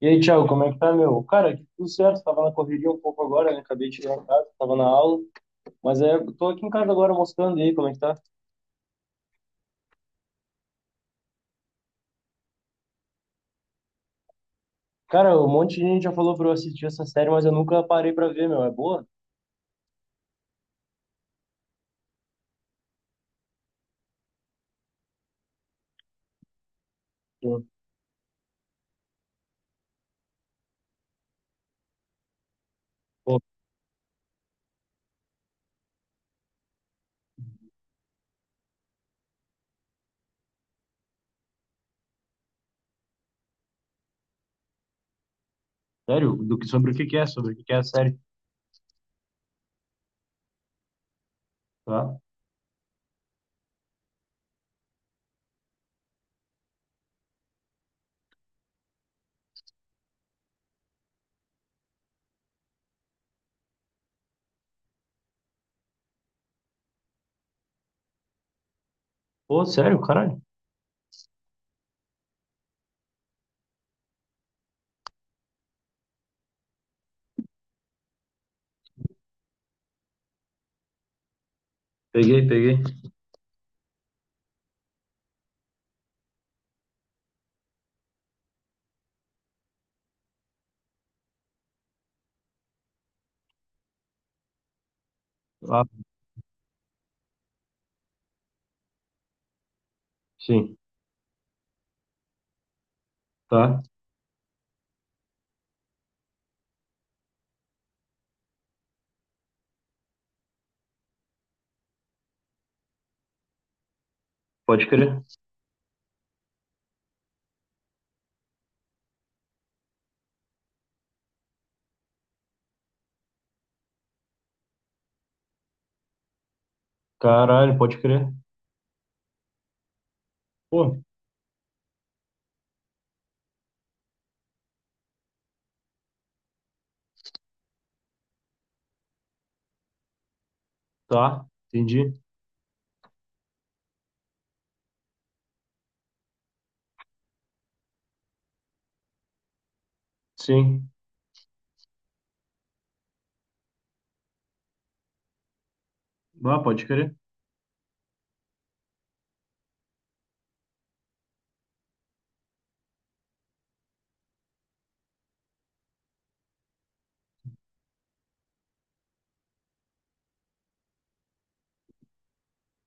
E aí, Thiago, como é que tá, meu? Cara, aqui tudo certo, tava na correria um pouco agora, né? Acabei de chegar em casa, tava na aula, mas é, tô aqui em casa agora mostrando aí como é que tá. Cara, um monte de gente já falou pra eu assistir essa série, mas eu nunca parei pra ver, meu. É boa? Pô, pô, sério? Do que, sobre o que que é? Sobre o que que é a série? Tá. Pô, sério, caralho. Peguei, peguei. Ah, sim. Tá. Pode crer. Caralho, pode crer. Pô, tá. Entendi. Sim. Ah, pode crer.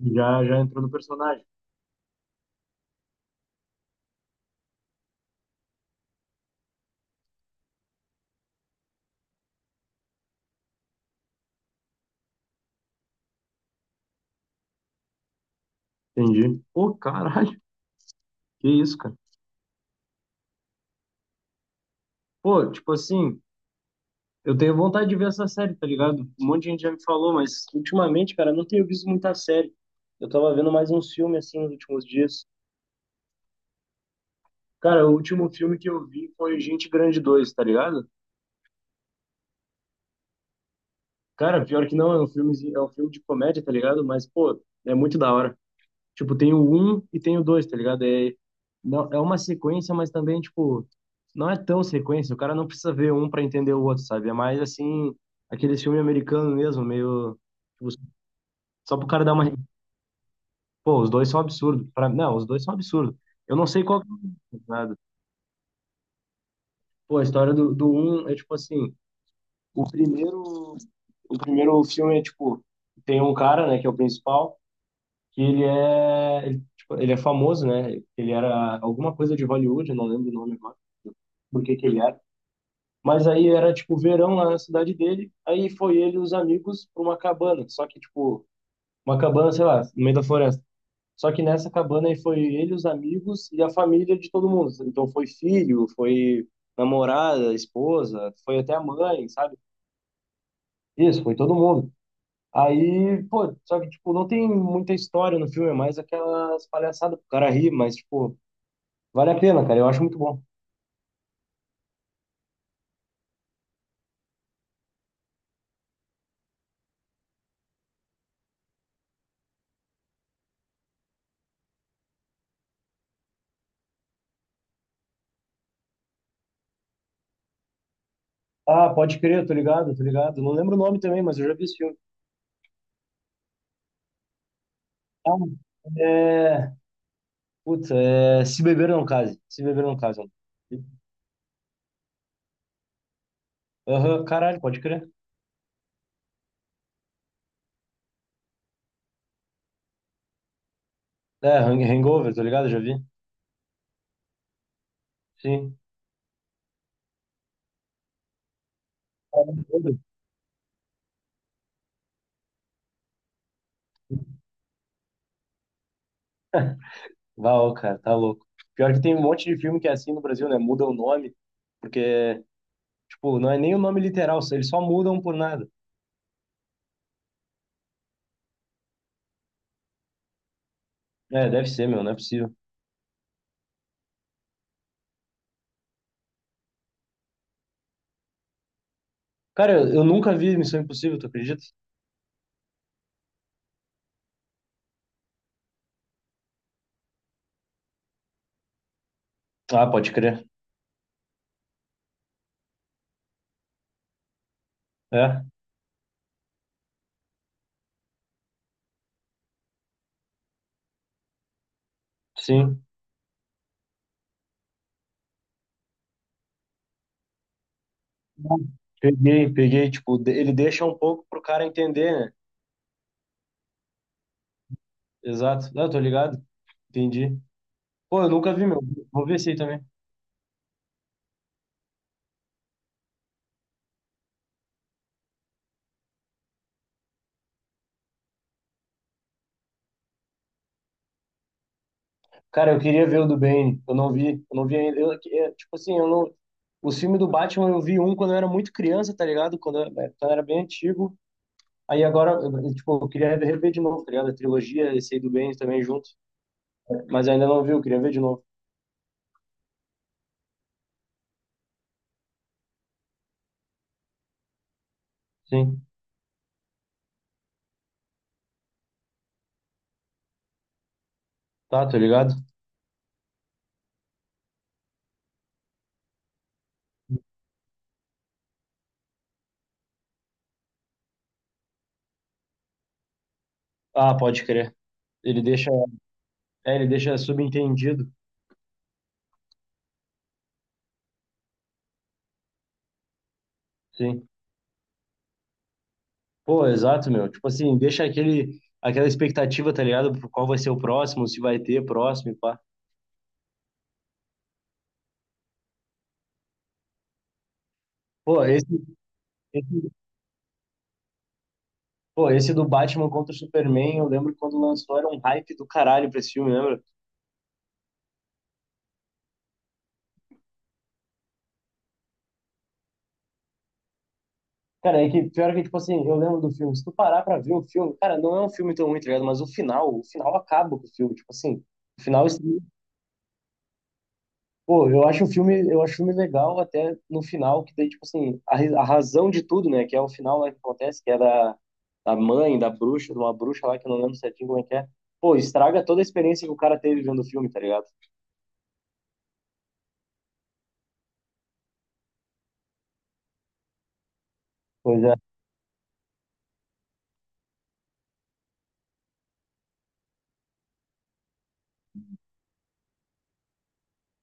Já, já entrou no personagem. Entendi. Pô, caralho. Que isso, cara. Pô, tipo assim, eu tenho vontade de ver essa série, tá ligado? Um monte de gente já me falou, mas ultimamente, cara, eu não tenho visto muita série. Eu tava vendo mais um filme, assim, nos últimos dias. Cara, o último filme que eu vi foi Gente Grande dois, tá ligado? Cara, pior que não, é um filme de comédia, tá ligado? Mas, pô, é muito da hora. Tipo, tem o 1 e tem o 2, tá ligado? É, não, é uma sequência, mas também, tipo, não é tão sequência. O cara não precisa ver um pra entender o outro, sabe? É mais, assim, aquele filme americano mesmo, meio tipo, só pro cara dar uma. Pô, os dois são absurdos. Pra... Não, os dois são absurdos. Eu não sei qual que é o nada. Pô, a história do um é tipo assim. O primeiro. O primeiro filme é tipo. Tem um cara, né, que é o principal, que ele é. Ele, tipo, ele é famoso, né? Ele era alguma coisa de Hollywood, eu não lembro o nome agora, por que que ele era. Mas aí era tipo verão lá na cidade dele. Aí foi ele e os amigos pra uma cabana. Só que, tipo, uma cabana, sei lá, no meio da floresta. Só que nessa cabana aí foi ele, os amigos e a família de todo mundo. Então foi filho, foi namorada, esposa, foi até a mãe, sabe? Isso, foi todo mundo. Aí, pô, só que, tipo, não tem muita história no filme, é mais aquelas palhaçadas pro cara rir, mas, tipo, vale a pena, cara, eu acho muito bom. Ah, pode crer, tô ligado, tô ligado. Não lembro o nome também, mas eu já vi esse filme. Ah, é. Puta, é. Se beber não case. Se beber não case. Aham, caralho, pode crer. É, Hangover, tô ligado? Já vi. Sim. Val, cara, tá louco. Pior que tem um monte de filme que é assim no Brasil, né? Muda o nome, porque, tipo, não é nem o nome literal, eles só mudam por nada. É, deve ser, meu, não é possível. Cara, eu nunca vi Missão Impossível, tu acredita? Ah, pode crer. É, sim. Peguei, peguei, tipo, ele deixa um pouco pro cara entender, né? Exato. Não, tô ligado. Entendi. Pô, eu nunca vi, meu. Vou ver esse aí também. Cara, eu, queria ver o do Bane. Eu não vi. Eu não vi ainda. Eu, é, tipo assim, eu não. Os filmes do Batman eu vi um quando eu era muito criança, tá ligado? Quando eu, né, quando eu era bem antigo. Aí agora, eu, tipo, eu queria rever de novo, tá ligado? A trilogia, esse aí do Bane também junto. Mas ainda não vi, eu queria ver de novo. Sim. Tá, tô ligado? Ah, pode crer. Ele deixa. É, ele deixa subentendido. Sim. Pô, exato, meu. Tipo assim, deixa aquele, aquela expectativa, tá ligado? Por qual vai ser o próximo, se vai ter próximo e pá. Pô, esse, Pô, esse do Batman contra o Superman, eu lembro que quando lançou era um hype do caralho pra esse filme, lembra? Cara, é que pior que, tipo assim, eu lembro do filme. Se tu parar pra ver o filme, cara, não é um filme tão ruim, tá ligado? Mas o final acaba com o filme, tipo assim. O final, assim, pô, eu acho o filme legal até no final, que daí, tipo assim, a, a razão de tudo, né? Que é o final lá que acontece, que é da, da mãe, da bruxa, de uma bruxa lá que eu não lembro certinho como é que é. Pô, estraga toda a experiência que o cara teve vendo o filme, tá ligado? Pois é.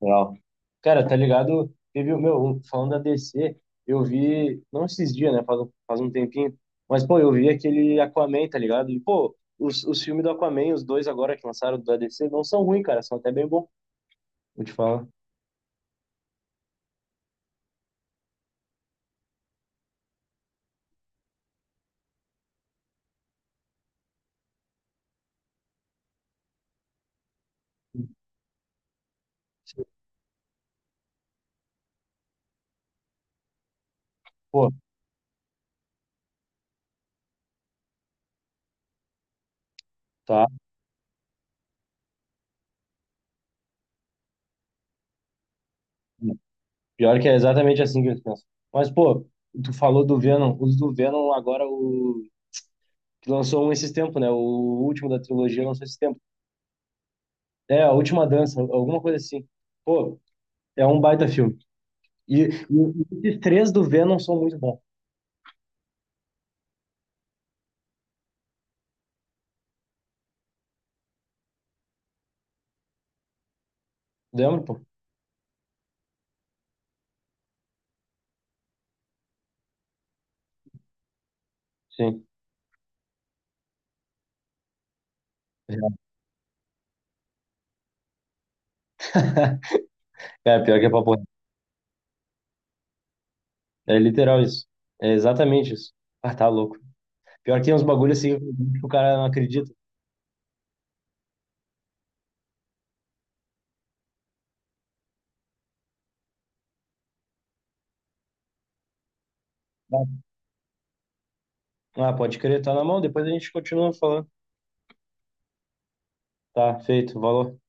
Legal. Cara, tá ligado? Teve o meu, falando da DC, eu vi, não esses dias, né? Faz, faz um tempinho, mas pô, eu vi aquele Aquaman, tá ligado? E pô, os filmes do Aquaman, os dois agora que lançaram da DC, não são ruins, cara, são até bem bons, vou te falar. Pô, tá. Pior que é exatamente assim que eles pensam. Mas pô, tu falou do Venom, os do Venom agora, o que lançou um esses tempos, né? O último da trilogia lançou esse tempo. É, a última dança, alguma coisa assim. Pô, é um baita filme. E, e esses 3 do Venom são muito bons. Lembra, pô? Sim. Cara, pior que é papo reto. É literal isso. É exatamente isso. Ah, tá louco. Pior que tem uns bagulhos assim que o cara não acredita. Ah, pode crer, tá na mão, depois a gente continua falando. Tá, feito, valeu.